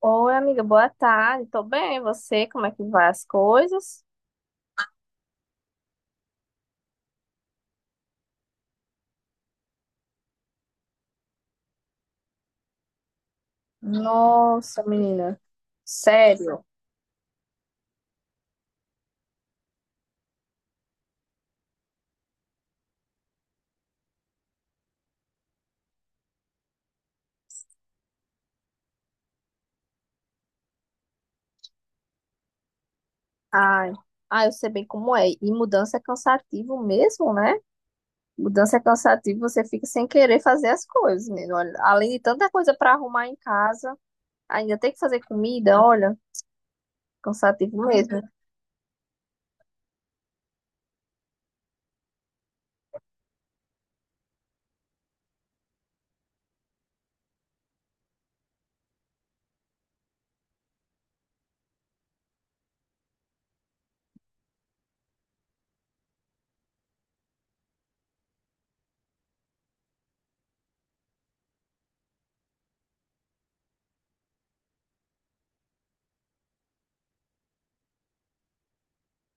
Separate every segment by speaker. Speaker 1: Oi, amiga, boa tarde. Tô bem, e você? Como é que vai as coisas? Nossa, menina, sério. Ai, ai, eu sei bem como é. E mudança é cansativo mesmo, né? Mudança é cansativo, você fica sem querer fazer as coisas, menina. Olha, além de tanta coisa pra arrumar em casa, ainda tem que fazer comida, olha, cansativo mesmo.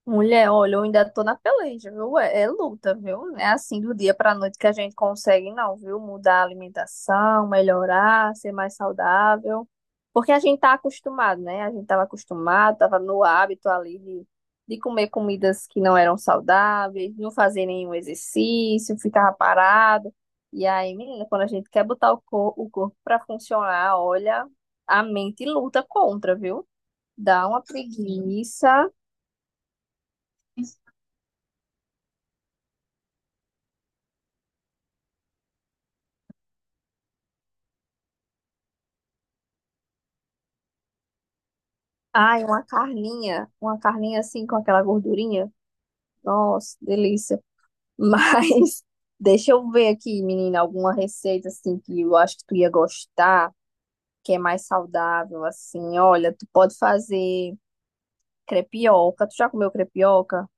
Speaker 1: Mulher, olha, eu ainda tô na peleja, viu? É luta, viu? Não é assim do dia pra noite que a gente consegue, não, viu? Mudar a alimentação, melhorar, ser mais saudável. Porque a gente tá acostumado, né? A gente tava acostumado, tava no hábito ali de comer comidas que não eram saudáveis, não fazer nenhum exercício, ficava parado. E aí, menina, quando a gente quer botar o corpo pra funcionar, olha, a mente luta contra, viu? Dá uma preguiça. Ai, uma carninha assim com aquela gordurinha. Nossa, delícia. Mas deixa eu ver aqui, menina, alguma receita assim que eu acho que tu ia gostar, que é mais saudável assim. Olha, tu pode fazer crepioca. Tu já comeu crepioca?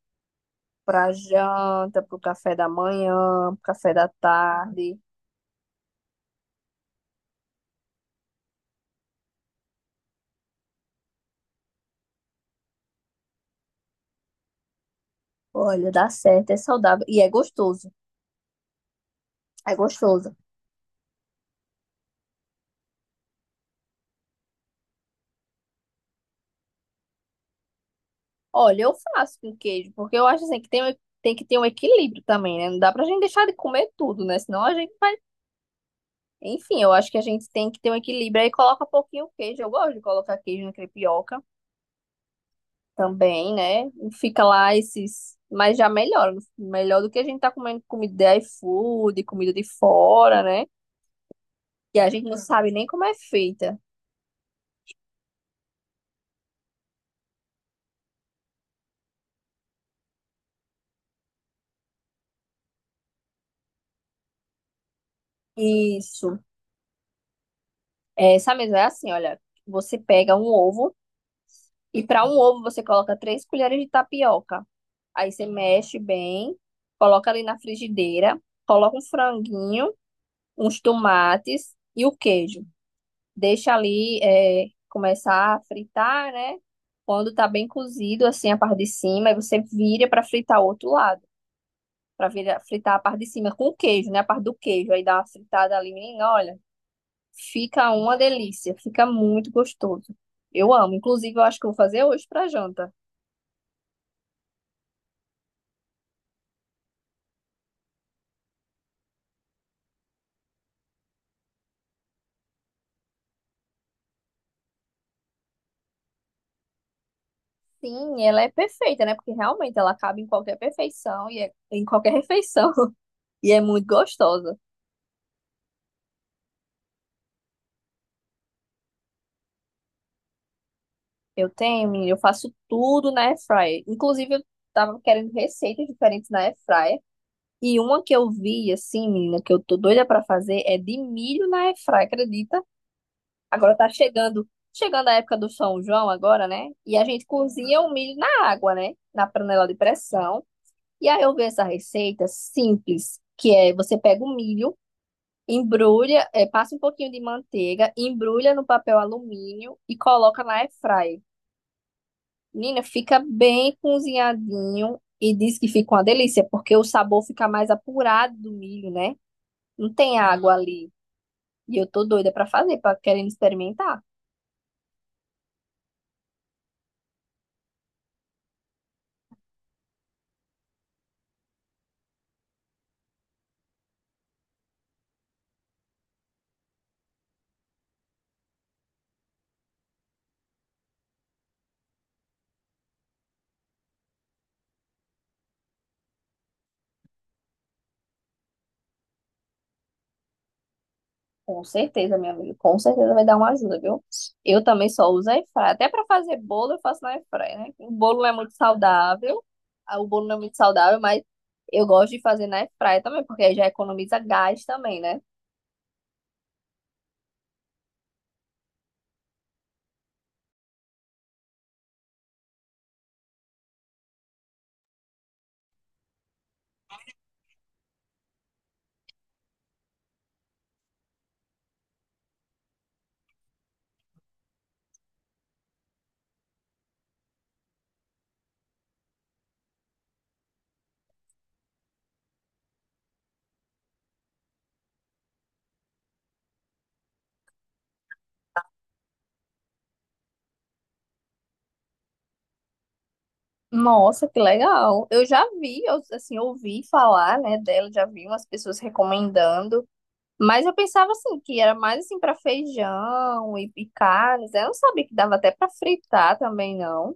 Speaker 1: Pra janta, pro café da manhã, pro café da tarde. Olha, dá certo, é saudável e é gostoso. É gostoso. Olha, eu faço com queijo, porque eu acho assim que tem, tem que ter um equilíbrio também, né? Não dá pra gente deixar de comer tudo, né? Senão a gente vai. Enfim, eu acho que a gente tem que ter um equilíbrio. Aí coloca um pouquinho queijo. Eu gosto de colocar queijo na crepioca também, né? E fica lá esses. Mas já melhora. Melhor do que a gente tá comendo comida de iFood, comida de fora, né? Que a gente não sabe nem como é feita. Isso. Essa mesa é assim, olha. Você pega um ovo. E para um ovo, você coloca 3 colheres de tapioca. Aí você mexe bem, coloca ali na frigideira, coloca um franguinho, uns tomates e o queijo. Deixa ali é, começar a fritar, né? Quando tá bem cozido, assim, a parte de cima, aí você vira para fritar o outro lado. Para fritar a parte de cima com o queijo, né? A parte do queijo. Aí dá uma fritada ali, menina, olha. Fica uma delícia, fica muito gostoso. Eu amo. Inclusive, eu acho que eu vou fazer hoje para janta. Sim, ela é perfeita, né? Porque realmente ela cabe em qualquer perfeição e é, em qualquer refeição e é muito gostosa. Eu tenho, menina, eu faço tudo na airfryer. Inclusive, eu tava querendo receitas diferentes na airfryer e uma que eu vi assim, menina, que eu tô doida pra fazer é de milho na airfryer, acredita? Agora tá chegando, chegando a época do São João agora, né? E a gente cozinha o milho na água, né? Na panela de pressão. E aí eu vi essa receita simples, que é você pega o milho, embrulha, é, passa um pouquinho de manteiga, embrulha no papel alumínio e coloca na air fryer. Menina, fica bem cozinhadinho e diz que fica uma delícia, porque o sabor fica mais apurado do milho, né? Não tem água ali. E eu tô doida pra fazer, pra querendo experimentar. Com certeza, minha amiga. Com certeza vai dar uma ajuda, viu? Eu também só uso air fryer. Até para fazer bolo, eu faço na air fryer, né? O bolo não é muito saudável. O bolo não é muito saudável, mas eu gosto de fazer na air fryer também, porque aí já economiza gás também, né? Nossa, que legal. Eu já vi, eu, assim, ouvi falar, né, dela, já vi umas pessoas recomendando. Mas eu pensava assim que era mais assim para feijão e carnes, né? Eu não sabia que dava até para fritar também, não.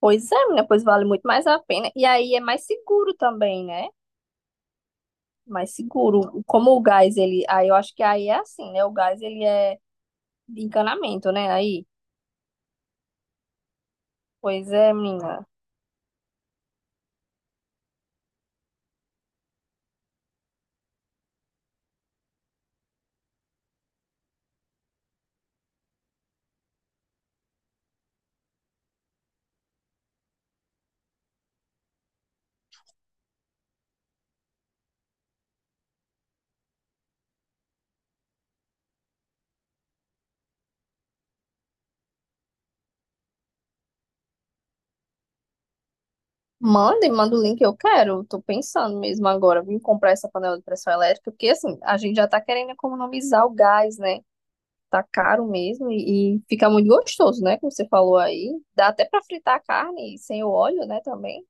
Speaker 1: Pois é, menina, pois vale muito mais a pena. E aí é mais seguro também, né? Mais seguro. Como o gás, ele. Aí eu acho que aí é assim, né? O gás, ele é de encanamento, né? Aí. Pois é, menina. Manda e manda o link, eu quero. Tô pensando mesmo agora, vim comprar essa panela de pressão elétrica, porque assim, a gente já tá querendo economizar o gás, né? Tá caro mesmo e fica muito gostoso, né? Como você falou aí. Dá até pra fritar a carne sem o óleo, né? Também.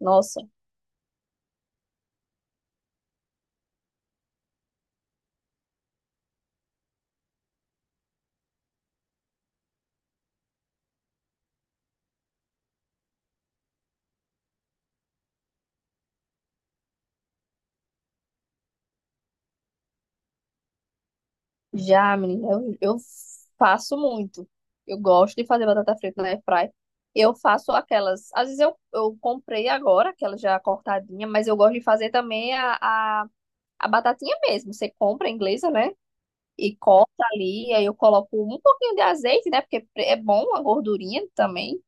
Speaker 1: Nossa. Já, menina, eu faço muito. Eu gosto de fazer batata frita na airfry. Eu faço aquelas. Às vezes eu comprei agora, aquela já cortadinha, mas eu gosto de fazer também a batatinha mesmo. Você compra a inglesa, né? E corta ali, aí eu coloco um pouquinho de azeite, né? Porque é bom a gordurinha também.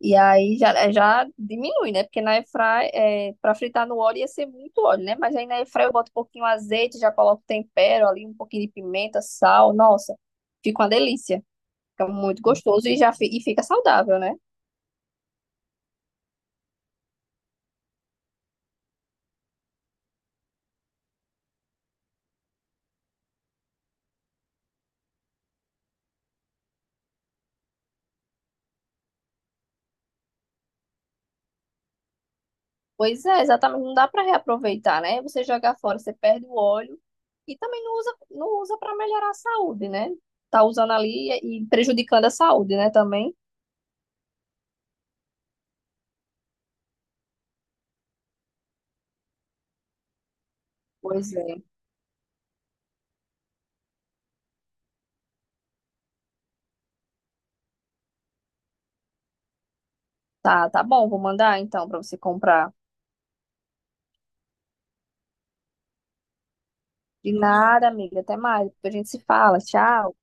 Speaker 1: E aí já diminui, né? Porque na airfry, é, para fritar no óleo ia ser muito óleo, né? Mas aí na airfry eu boto um pouquinho de azeite, já coloco tempero ali, um pouquinho de pimenta, sal. Nossa, fica uma delícia. Fica muito gostoso e já e fica saudável, né? Pois é, exatamente. Não dá para reaproveitar, né? Você jogar fora, você perde o óleo e também não usa, não usa para melhorar a saúde, né? Tá usando ali e prejudicando a saúde, né? Também. Pois é. Tá, tá bom, vou mandar então para você comprar. De nada, amiga. Até mais. Depois a gente se fala. Tchau.